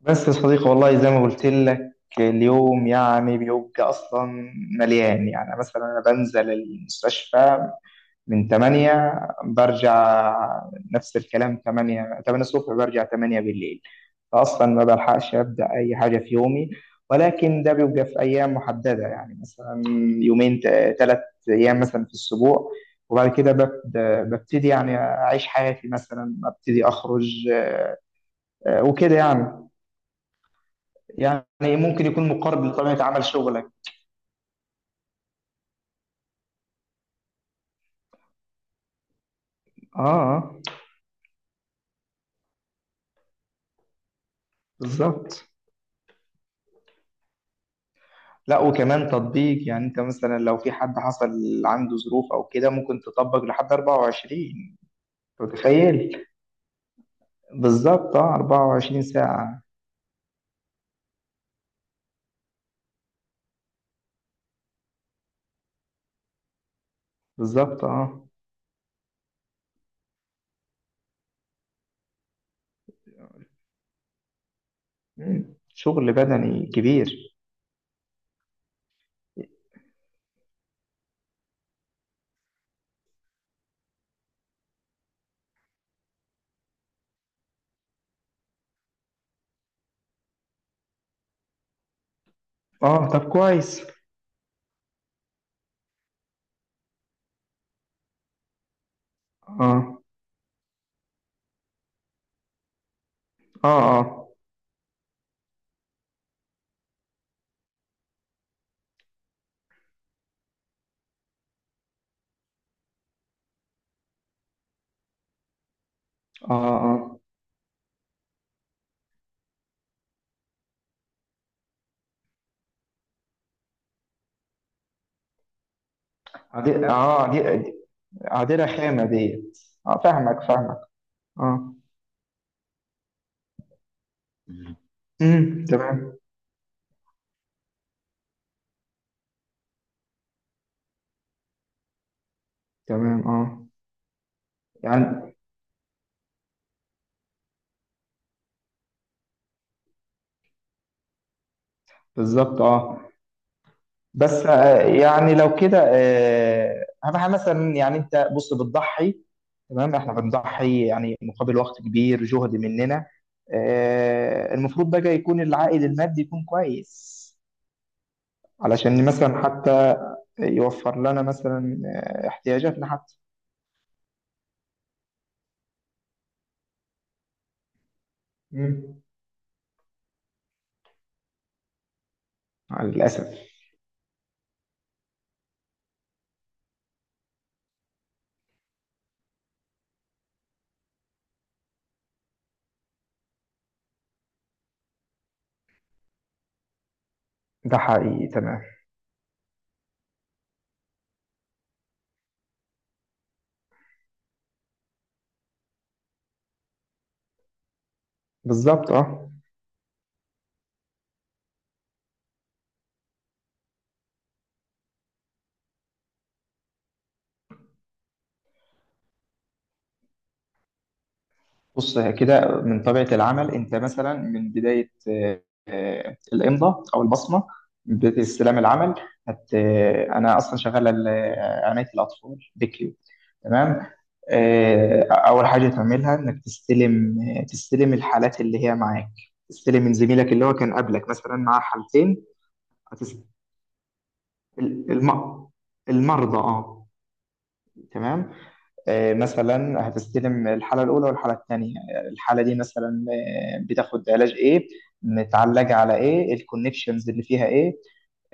بس يا صديقي، والله زي ما قلت لك، اليوم يعني بيبقى اصلا مليان. يعني مثلا انا بنزل المستشفى من 8، برجع نفس الكلام، 8 8 الصبح، برجع 8 بالليل. فاصلا ما بلحقش ابدا اي حاجه في يومي. ولكن ده بيبقى في ايام محدده، يعني مثلا يومين، ثلاث ايام مثلا في الاسبوع. وبعد كده ببتدي يعني اعيش حياتي، مثلا ابتدي اخرج، وكده يعني. يعني ممكن يكون مقارب لطبيعة عمل شغلك. اه، آه، بالظبط. لا، وكمان تطبيق. يعني انت مثلا لو في حد حصل عنده ظروف او كده ممكن تطبق لحد 24. أنت متخيل؟ بالظبط، اه، 24 ساعة. بالظبط، اه. مم. شغل بدني كبير. اه، طب كويس. اه، اه، اه، اه، اه. عدي، اه، دي عدي رخامة ديت. اه، فاهمك فاهمك. اه. مم. امم، تمام. تمام، اه، يعني بالظبط، اه. بس، يعني لو كده، اهم حاجه مثلا، يعني انت بص، بتضحي، تمام. احنا بنضحي يعني مقابل وقت كبير، جهد مننا. المفروض بقى يكون العائد المادي يكون كويس، علشان مثلا حتى يوفر لنا مثلا احتياجاتنا حتى. مم. للاسف. ده حقيقي، تمام. بالظبط، اه. بص، كده من طبيعة العمل، أنت مثلا من بداية الإمضة أو البصمة، من بداية استلام العمل. هت آه، أنا أصلا شغال عناية الأطفال بكيو، تمام. أول حاجة تعملها إنك تستلم، تستلم الحالات اللي هي معاك، تستلم من زميلك اللي هو كان قبلك، مثلا معاه حالتين. هتست... الم... المرضى، أه، تمام. مثلا هتستلم الحالة الأولى والحالة الثانية. الحالة دي مثلا بتاخد علاج إيه، متعلجة على إيه، الكونكشنز اللي فيها إيه،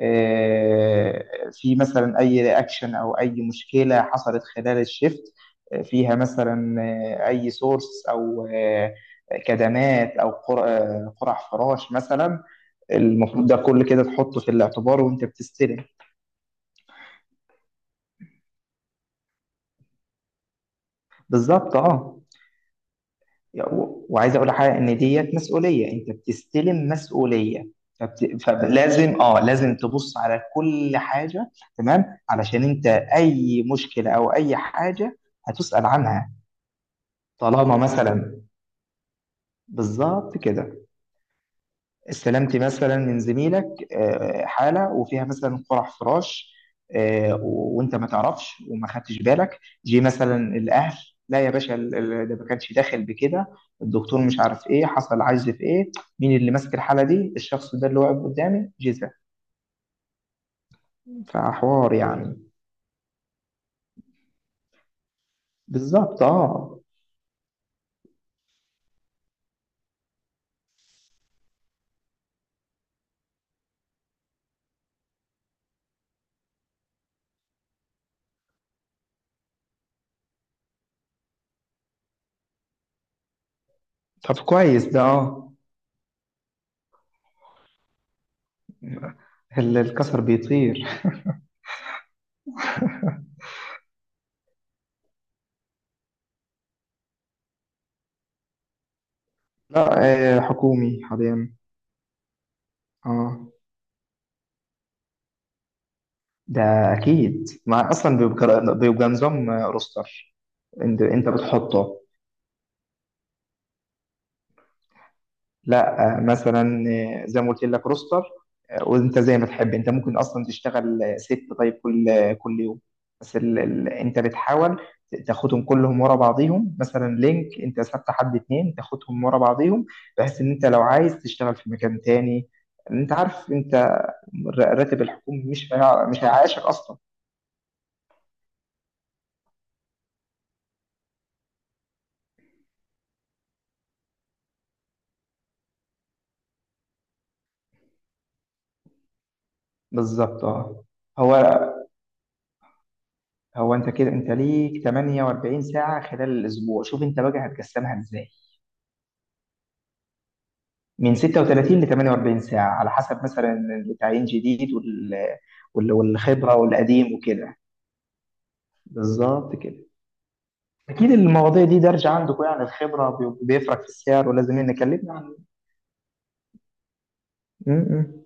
آه، في مثلا أي رياكشن أو أي مشكلة حصلت خلال الشيفت، فيها مثلا أي سورس أو كدمات أو قرع فراش مثلا. المفروض ده كل كده تحطه في الاعتبار وأنت بتستلم. بالظبط، أه. وعايز اقول حاجه، ان ديت مسؤوليه، انت بتستلم مسؤوليه. فلازم، اه، لازم تبص على كل حاجه، تمام. علشان انت اي مشكله او اي حاجه هتسال عنها، طالما مثلا. بالظبط كده. استلمت مثلا من زميلك حاله وفيها مثلا قرح فراش، وانت ما تعرفش وما خدتش بالك، جه مثلا الاهل: لا يا باشا، ده ما كانش داخل بكده، الدكتور مش عارف ايه، حصل عجز في ايه، مين اللي ماسك الحاله دي؟ الشخص ده اللي واقف قدامي جزا. فحوار يعني. بالظبط، اه. طب كويس ده، اه. الكسر بيطير. لا، حكومي حاليا. اه. ده اكيد، ما اصلا بيبقى نظام روستر. انت انت بتحطه. لا، مثلا زي ما قلت لك، روستر. وانت زي ما تحب، انت ممكن اصلا تشتغل ست، طيب كل كل يوم. بس انت بتحاول تاخدهم كلهم ورا بعضيهم، مثلا لينك انت ثابت حد اتنين تاخدهم ورا بعضيهم، بحيث ان انت لو عايز تشتغل في مكان تاني، انت عارف انت راتب الحكومي مش هيعيشك اصلا. بالظبط، اه. هو هو انت كده انت ليك 48 ساعة خلال الاسبوع، شوف انت بقى هتقسمها ازاي. من 36 ل 48 ساعة، على حسب مثلا التعيين جديد والخبرة والقديم وكده. بالظبط كده. اكيد المواضيع دي درجة عندكم، يعني الخبرة بيفرق في السعر، ولازم نكلمنا عن. م- م.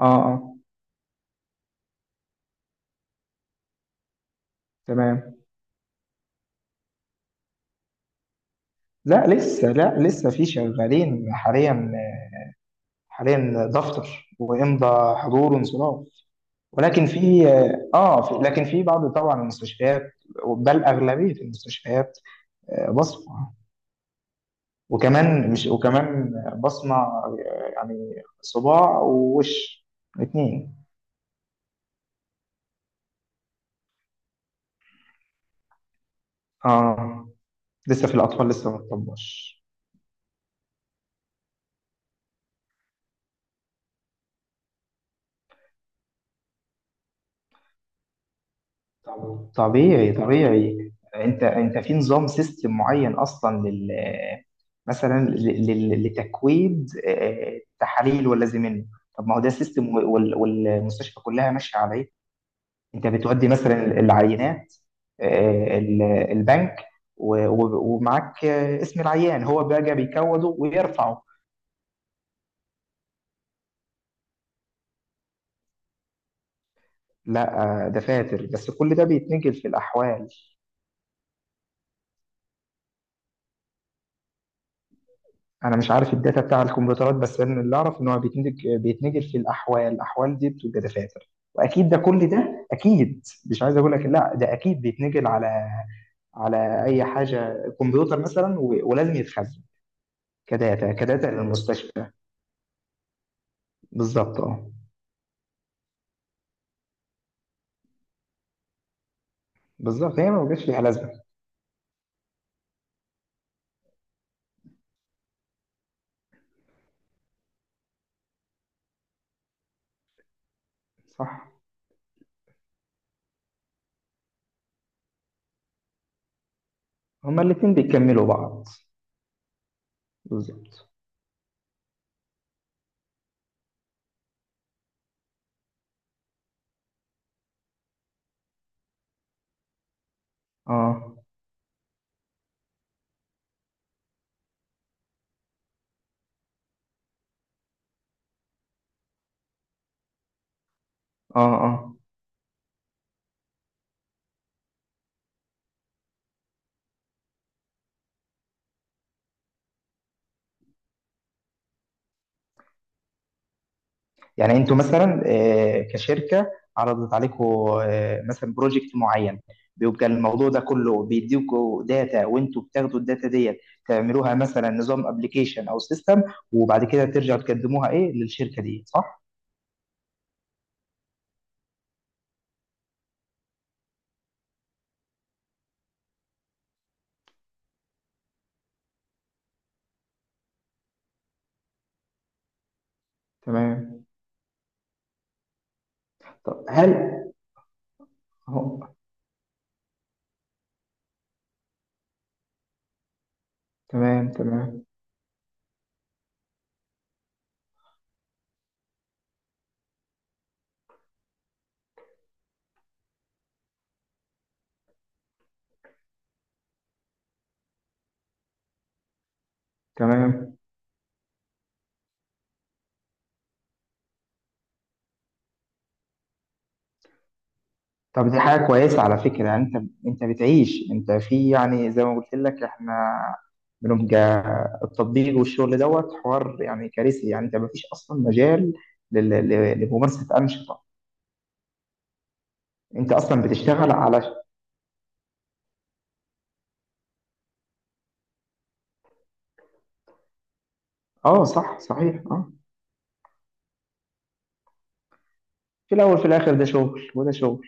اه، اه، تمام. لا لسه، لا لسه في شغالين حاليا. حاليا دفتر ويمضى حضور وانصراف، ولكن في، اه، في، لكن في بعض طبعا المستشفيات، بل اغلبيه المستشفيات بصمه. وكمان مش، وكمان بصمه، يعني صباع ووش الاثنين. اه. لسه في الاطفال لسه ما اتطبقش. طبيعي طبيعي، انت انت في نظام سيستم معين اصلا لل، مثلا لتكويد تحاليل ولا زي منه. طب ما هو ده سيستم، والمستشفى كلها ماشيه عليه. انت بتودي مثلا العينات، البنك، ومعاك اسم العيان، هو بقى بيكوده ويرفعه. لا، دفاتر، بس كل ده بيتنقل في الاحوال. انا مش عارف الداتا بتاع الكمبيوترات، بس انا اللي اعرف ان هو بيتنتج في الاحوال. الاحوال دي بتبقى دفاتر، واكيد ده كل ده اكيد، مش عايز اقول لك لا، ده اكيد بيتنقل على، على اي حاجه كمبيوتر مثلا، ولازم يتخزن كداتا، كداتا للمستشفى. بالظبط، اه. بالظبط، هي ما بقاش ليها لازمه. صح. هما الاتنين بيكملوا بعض. بالظبط. اه، اه. اه يعني انتوا مثلا كشركه عرضت عليكم مثلا بروجكت معين، بيبقى الموضوع ده كله، بيديكوا داتا، وانتوا بتاخدوا الداتا ديت تعملوها مثلا نظام ابلكيشن او سيستم، وبعد كده ترجعوا تقدموها ايه للشركه دي، صح؟ تمام. طب هل، هو، تمام تمام. تمام. طب دي حاجة كويسة على فكرة، يعني انت، انت بتعيش، انت في، يعني زي ما قلت لك احنا بنبقى، التطبيق والشغل دوت، حوار يعني كارثي، يعني انت مفيش اصلا مجال لممارسة انشطة، انت اصلا بتشتغل على. اه، صح، صحيح، اه. في الاول في الاخر، ده شغل وده شغل.